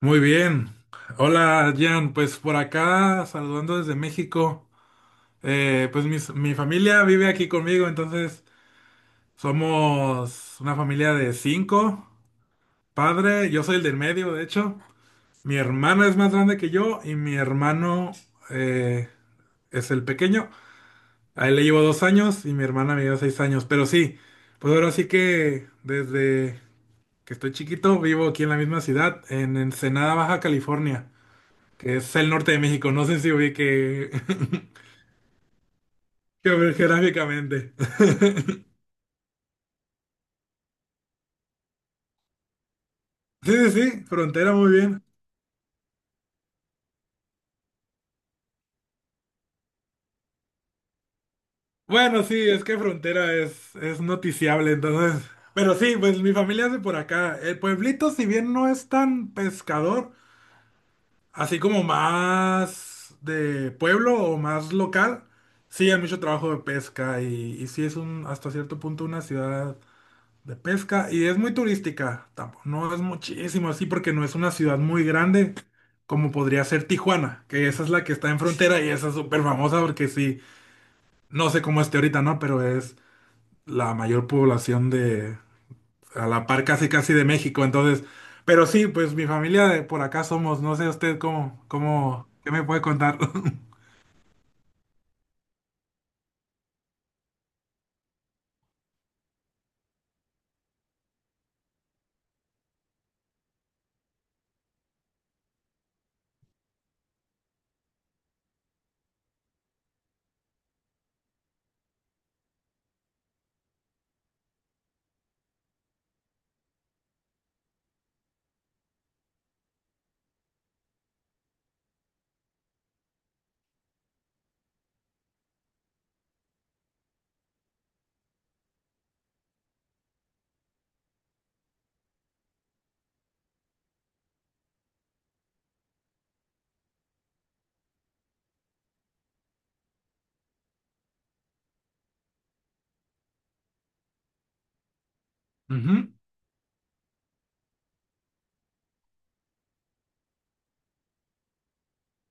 Muy bien. Hola, Jan. Pues por acá, saludando desde México. Pues mi familia vive aquí conmigo, entonces somos una familia de cinco. Padre, yo soy el del medio, de hecho. Mi hermana es más grande que yo y mi hermano eh, es el pequeño. A él le llevo 2 años y mi hermana me lleva 6 años. Pero sí, pues ahora sí que desde que estoy chiquito vivo aquí en la misma ciudad, en Ensenada, Baja California, que es el norte de México. No sé si ubique geográficamente. Sí, sí, sí, frontera muy bien. Bueno, sí, es que frontera es noticiable, entonces. Pero sí, pues mi familia es de por acá. El pueblito, si bien no es tan pescador, así como más de pueblo o más local, sí hay mucho trabajo de pesca y sí es un, hasta cierto punto, una ciudad de pesca y es muy turística, tampoco, no es muchísimo así porque no es una ciudad muy grande, como podría ser Tijuana, que esa es la que está en frontera y esa es súper famosa porque sí, no sé cómo esté ahorita, ¿no? Pero es la mayor población de, a la par casi casi de México, entonces, pero sí, pues mi familia de por acá somos, no sé usted cómo, ¿qué me puede contar? Ujú.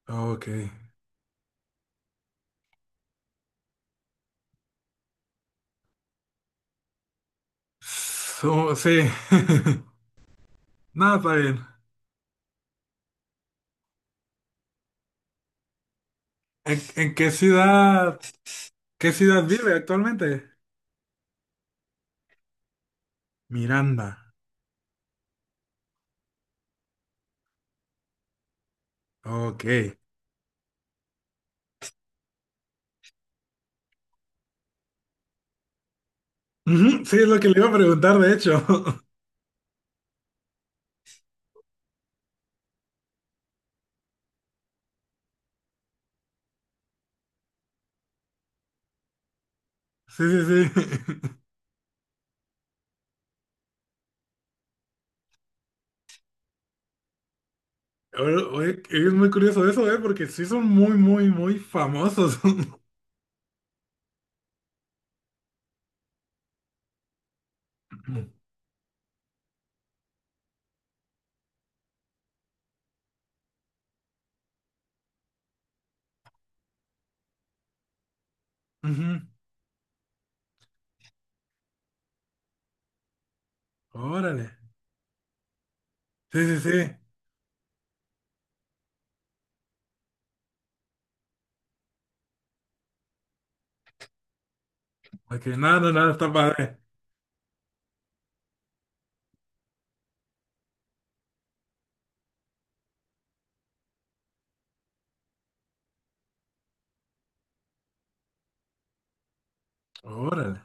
Ok. Sí. Nada, está bien. ¿En qué ciudad? ¿Qué ciudad vive actualmente? Miranda. Ok. Ujú, sí, es lo que le iba a preguntar, de hecho. Sí, sí, sí. Oye, oye, es muy curioso eso, ¿eh? Porque sí son muy, muy, muy famosos. Ujú, órale. Sí, sí, sí. Ok, nada, no, nada, está padre. Órale.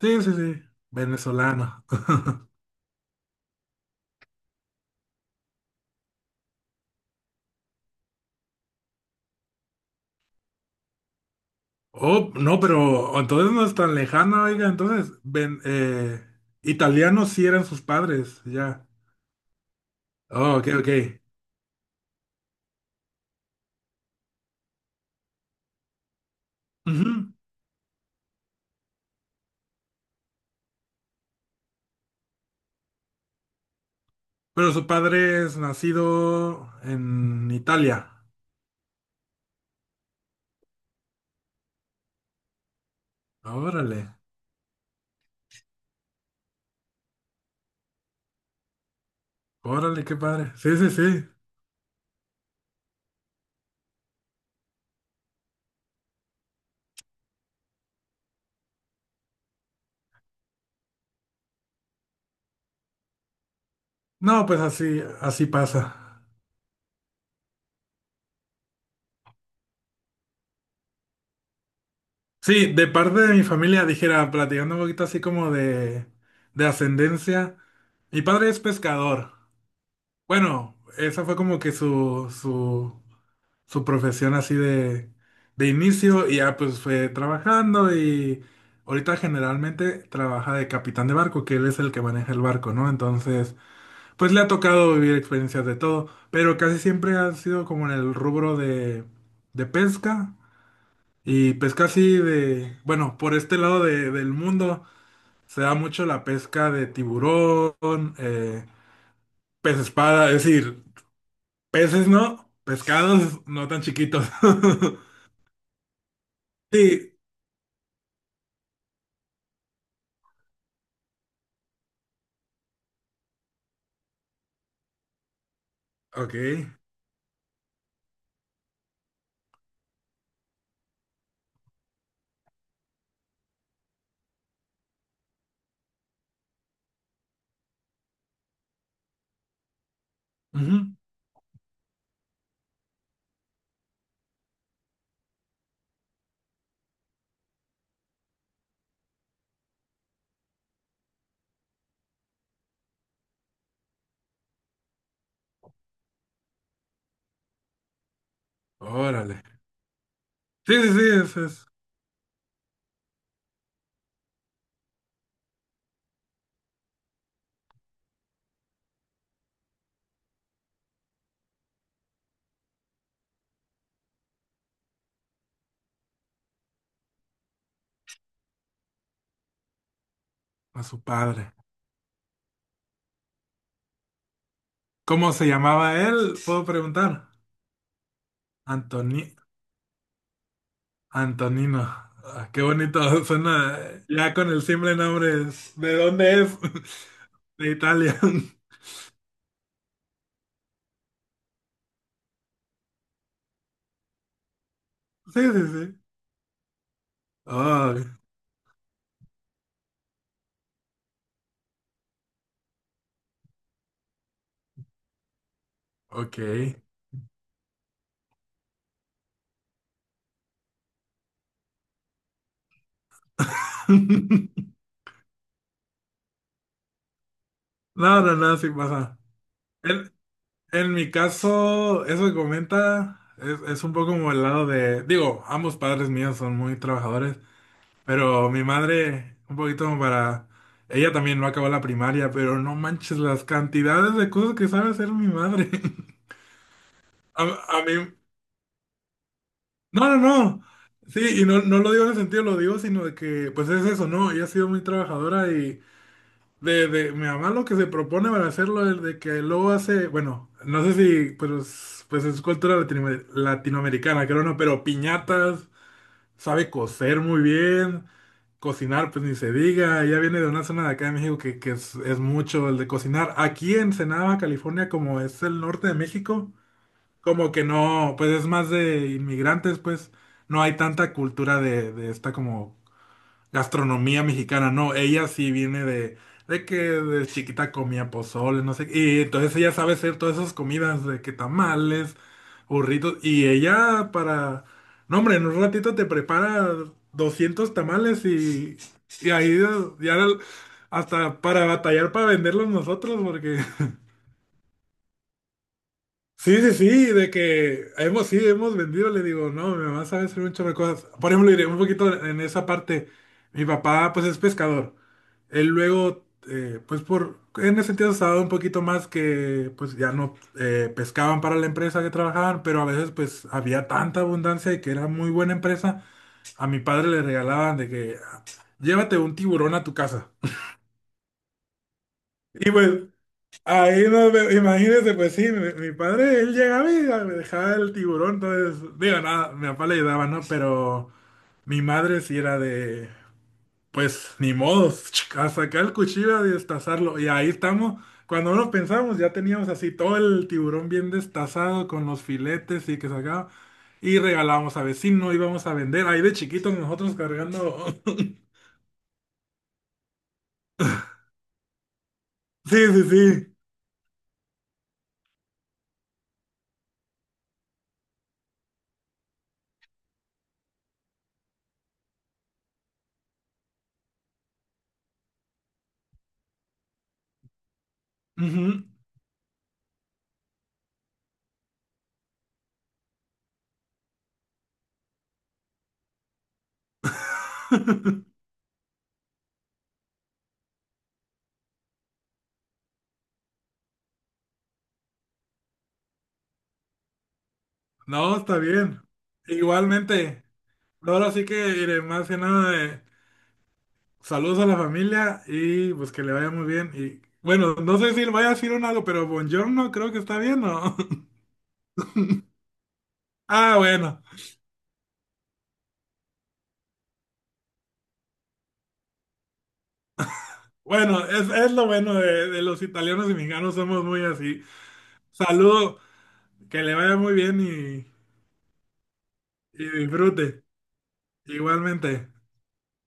Sí, sí, sí. Venezolano. Oh, no, pero entonces no es tan lejana, oiga. Entonces, ven, italianos sí eran sus padres, ya. Oh, ok, ok. Ujú. Pero su padre es nacido en Italia. Órale, órale, qué padre. Sí, sí, sí. No, pues así, así pasa. Sí, de parte de mi familia, dijera, platicando un poquito así como de ascendencia. Mi padre es pescador. Bueno, esa fue como que su profesión así de inicio, y ya pues fue trabajando y ahorita generalmente trabaja de capitán de barco, que él es el que maneja el barco, ¿no? Entonces… Pues le ha tocado vivir experiencias de todo, pero casi siempre ha sido como en el rubro de pesca, y pesca así de, bueno, por este lado del mundo se da mucho la pesca de tiburón, pez espada, es decir, peces no, pescados no tan chiquitos. Sí, ok. Ujú, órale. Sí, sí, sí, ese es a su padre. ¿Cómo se llamaba él? ¿Puedo preguntar? Antonio. Antonino. Ah, qué bonito. Suena ya con el simple nombre. ¿De dónde es? De Italia. Sí, sí, sí. Ah, ok. No, no, no, sí pasa. En, en mi caso, eso que comenta es un poco como el lado de, digo, ambos padres míos son muy trabajadores, pero mi madre, un poquito como para, ella también no acabó la primaria, pero no manches las cantidades de cosas que sabe hacer mi madre. A, a mí. No, no, no. Sí, y no, no lo digo en ese sentido, lo digo, sino de que, pues es eso, ¿no? Ella ha sido muy trabajadora y mi mamá lo que se propone para hacerlo es de que luego hace, bueno, no sé si, pero pues es cultura latinoamericana, creo, no, pero piñatas, sabe coser muy bien, cocinar, pues ni se diga, ella viene de una zona de acá de México que es mucho el de cocinar. Aquí en Ensenada, California, como es el norte de México. Como que no, pues es más de inmigrantes, pues no hay tanta cultura de esta como gastronomía mexicana, no, ella sí viene de que de chiquita comía pozole, no sé, y entonces ella sabe hacer todas esas comidas de que tamales, burritos, y ella para, no hombre, en un ratito te prepara 200 tamales y ahí ya hasta para batallar para venderlos nosotros, porque. Sí, sí, sí, de que hemos, sí, hemos vendido, le digo, no, mi mamá sabe hacer un chorro de cosas. Por ejemplo, iré un poquito en esa parte, mi papá pues es pescador. Él luego, pues por, en ese sentido estaba un poquito más, que pues ya no pescaban para la empresa que trabajaban, pero a veces pues había tanta abundancia y que era muy buena empresa, a mi padre le regalaban de que llévate un tiburón a tu casa. Y pues ahí no, imagínese, pues sí, mi padre, él llegaba y me dejaba el tiburón, entonces, digo, nada, mi papá le ayudaba, ¿no? Pero mi madre sí era de, pues, ni modos, a sacar el cuchillo a destazarlo, y ahí estamos, cuando nos pensamos, ya teníamos así todo el tiburón bien destazado con los filetes y que sacaba, y regalábamos a vecino, íbamos a vender, ahí de chiquitos nosotros cargando. Sí, sí, sí. Ujú. No, está bien, igualmente. Ahora sí que iré más que nada de saludos a la familia y pues que le vaya muy bien. Y bueno, no sé si le vaya a decir un algo, pero buongiorno creo que está bien, ¿no? Ah, bueno. Bueno, es lo bueno de los italianos y mexicanos, somos muy así. Saludo, que le vaya muy bien y disfrute. Igualmente.